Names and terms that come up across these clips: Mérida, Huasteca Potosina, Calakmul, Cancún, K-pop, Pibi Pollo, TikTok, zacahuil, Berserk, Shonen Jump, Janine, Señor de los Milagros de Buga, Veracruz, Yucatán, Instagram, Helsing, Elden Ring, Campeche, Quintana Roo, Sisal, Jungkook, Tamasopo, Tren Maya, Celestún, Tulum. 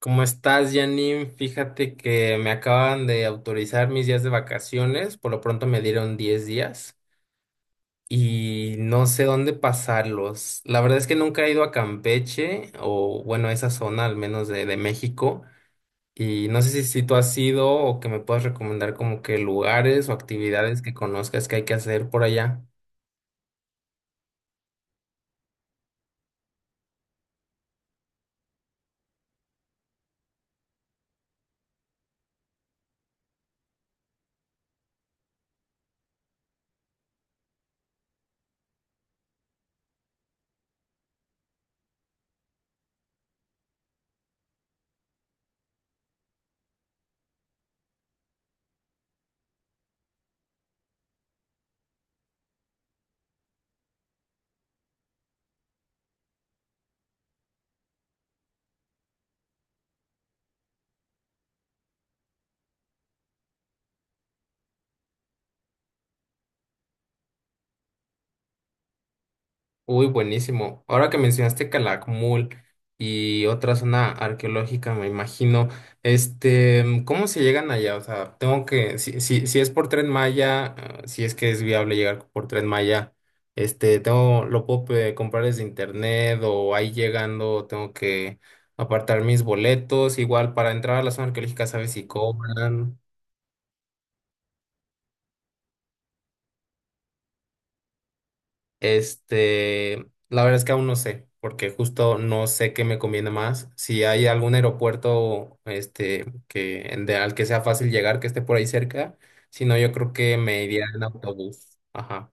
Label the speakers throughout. Speaker 1: ¿Cómo estás, Janine? Fíjate que me acaban de autorizar mis días de vacaciones, por lo pronto me dieron 10 días y no sé dónde pasarlos. La verdad es que nunca he ido a Campeche o bueno, a esa zona al menos de México y no sé si tú has ido o que me puedas recomendar como que lugares o actividades que conozcas que hay que hacer por allá. Uy, buenísimo. Ahora que mencionaste Calakmul y otra zona arqueológica, me imagino, este, ¿cómo se llegan allá? O sea, tengo que, si es por Tren Maya, ah, si es que es viable llegar por Tren Maya, este, tengo, lo puedo comprar desde internet o ahí llegando tengo que apartar mis boletos, igual para entrar a la zona arqueológica, ¿sabes si cobran? Este, la verdad es que aún no sé, porque justo no sé qué me conviene más. Si hay algún aeropuerto, este, que al que sea fácil llegar, que esté por ahí cerca, si no, yo creo que me iría en autobús. Ajá.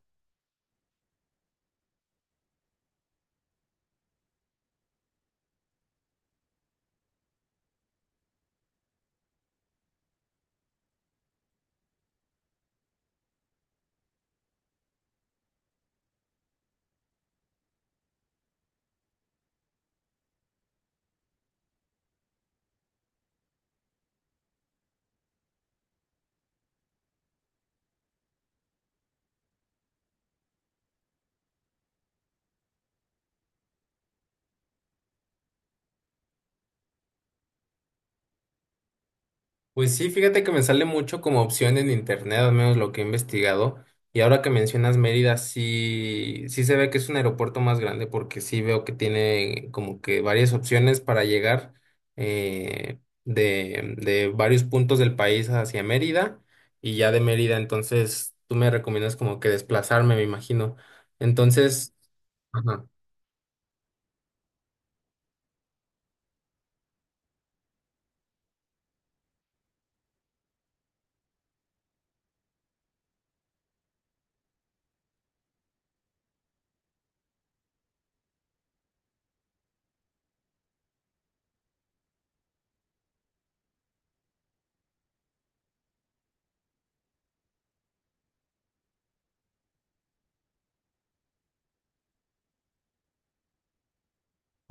Speaker 1: Pues sí, fíjate que me sale mucho como opción en internet, al menos lo que he investigado. Y ahora que mencionas Mérida, sí, sí se ve que es un aeropuerto más grande porque sí veo que tiene como que varias opciones para llegar, eh, de varios puntos del país hacia Mérida y ya de Mérida, entonces tú me recomiendas como que desplazarme, me imagino. Entonces... Ajá.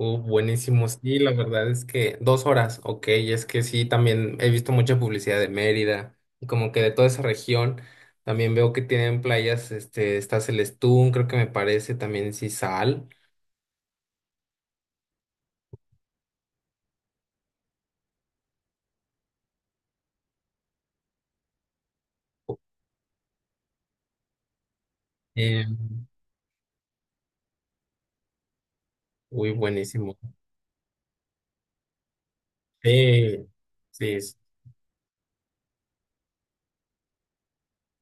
Speaker 1: Buenísimo, sí, la verdad es que dos horas, ok, es que sí, también he visto mucha publicidad de Mérida y como que de toda esa región, también veo que tienen playas, este, está Celestún, creo que me parece, también Sisal. eh, Uy, buenísimo, sí, sí, sí.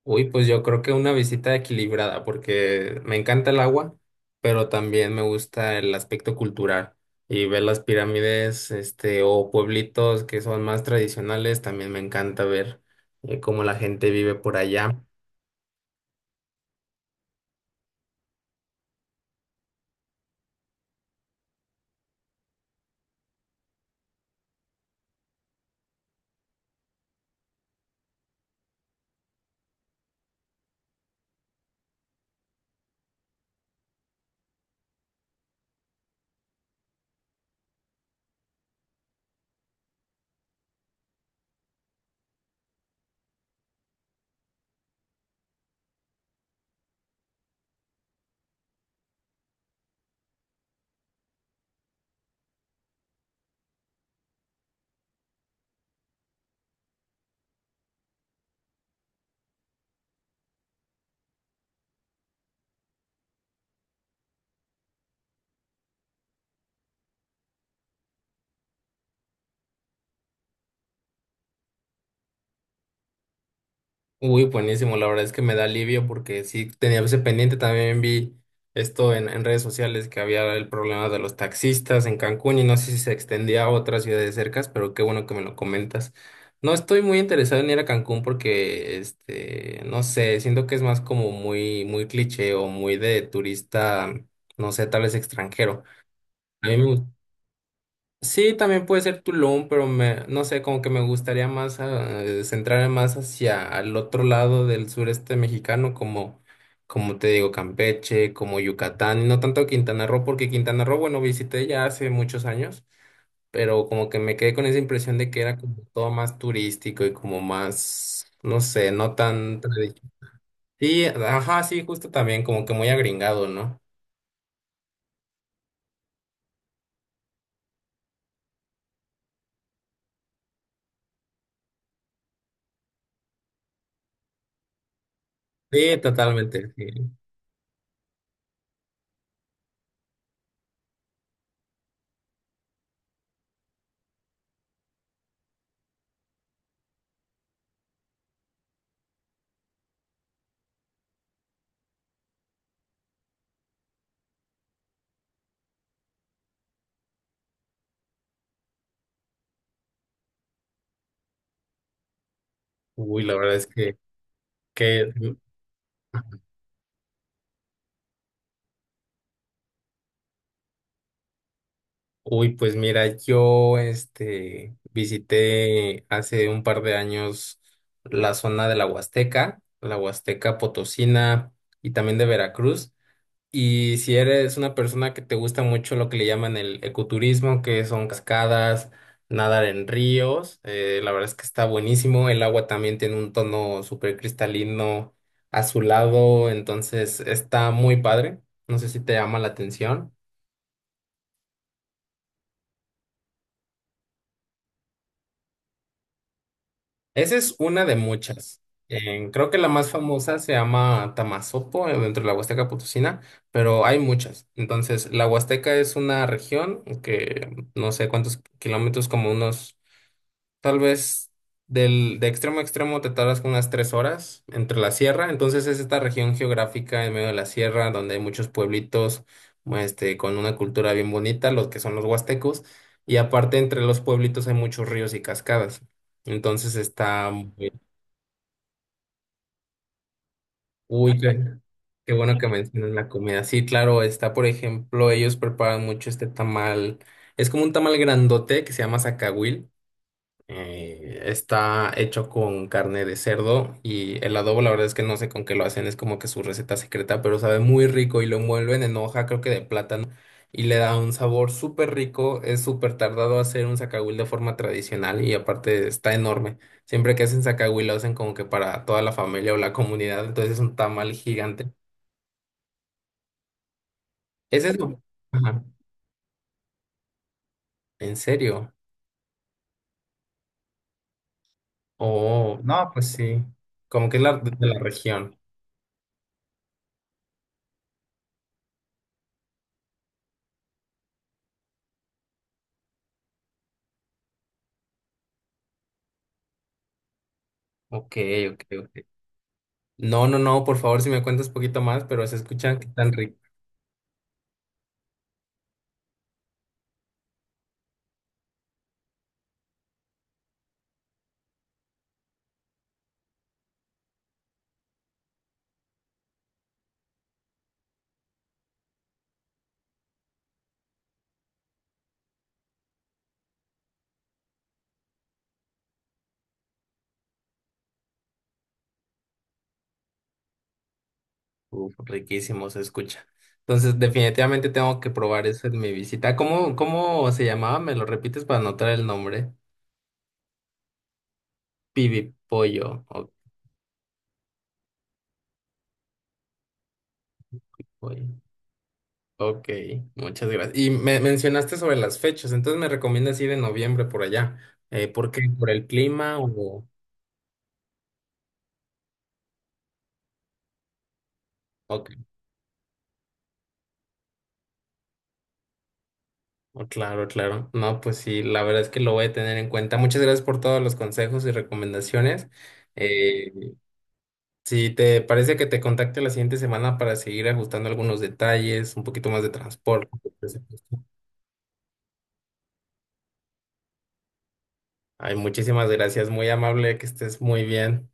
Speaker 1: Uy, pues yo creo que una visita equilibrada, porque me encanta el agua, pero también me gusta el aspecto cultural. Y ver las pirámides, este, o pueblitos que son más tradicionales, también me encanta ver cómo la gente vive por allá. Uy, buenísimo, la verdad es que me da alivio porque sí tenía ese pendiente, también vi esto en redes sociales que había el problema de los taxistas en Cancún y no sé si se extendía a otras ciudades cercas, pero qué bueno que me lo comentas. No estoy muy interesado en ir a Cancún porque, este, no sé, siento que es más como muy cliché o muy de turista, no sé, tal vez extranjero. A mí me, gust- Sí, también puede ser Tulum, pero me, no sé, como que me gustaría más centrarme más hacia el otro lado del sureste mexicano, como, como te digo, Campeche, como Yucatán, y no tanto Quintana Roo, porque Quintana Roo, bueno, visité ya hace muchos años, pero como que me quedé con esa impresión de que era como todo más turístico y como más, no sé, no tan... Sí, ajá, sí, justo también, como que muy agringado, ¿no? Sí, totalmente, sí. Uy, la verdad es que Uy, pues mira, yo este visité hace un par de años la zona de la Huasteca Potosina y también de Veracruz. Y si eres una persona que te gusta mucho lo que le llaman el ecoturismo, que son cascadas, nadar en ríos, la verdad es que está buenísimo. El agua también tiene un tono súper cristalino, azulado, entonces está muy padre. No sé si te llama la atención. Esa es una de muchas. Creo que la más famosa se llama Tamasopo, dentro de la Huasteca Potosina, pero hay muchas. Entonces, la Huasteca es una región que no sé cuántos kilómetros, como unos. Tal vez del, de extremo a extremo te tardas como unas 3 horas entre la sierra. Entonces es esta región geográfica en medio de la sierra donde hay muchos pueblitos, este, con una cultura bien bonita, los que son los huastecos. Y aparte entre los pueblitos hay muchos ríos y cascadas. Entonces está muy... Uy, qué bueno que mencionas la comida. Sí, claro, está, por ejemplo, ellos preparan mucho este tamal. Es como un tamal grandote que se llama zacahuil. Está hecho con carne de cerdo y el adobo, la verdad es que no sé con qué lo hacen, es como que su receta secreta, pero sabe muy rico y lo envuelven en hoja, creo que de plátano, y le da un sabor súper rico. Es súper tardado hacer un zacahuil de forma tradicional y aparte está enorme. Siempre que hacen zacahuil lo hacen como que para toda la familia o la comunidad, entonces es un tamal gigante. ¿Es eso? Ajá. ¿En serio? Oh, no, pues sí, como que es la, de la región. Ok, ok, ok. No, no, no, por favor, si me cuentas poquito más, pero se escucha que están uf, riquísimo, se escucha. Entonces, definitivamente tengo que probar eso en mi visita. ¿Cómo, cómo se llamaba? ¿Me lo repites para anotar el nombre? Pibi Pollo. Ok, pollo. Ok, muchas gracias. Y me mencionaste sobre las fechas, entonces me recomiendas ir en noviembre por allá. ¿Por qué? ¿Por el clima o...? Ok, oh, claro, claro. No, pues sí, la verdad es que lo voy a tener en cuenta. Muchas gracias por todos los consejos y recomendaciones. Eh, Si te parece que te contacte la siguiente semana para seguir ajustando algunos detalles, un poquito más de transporte. Por Ay, muchísimas gracias, muy amable, que estés muy bien.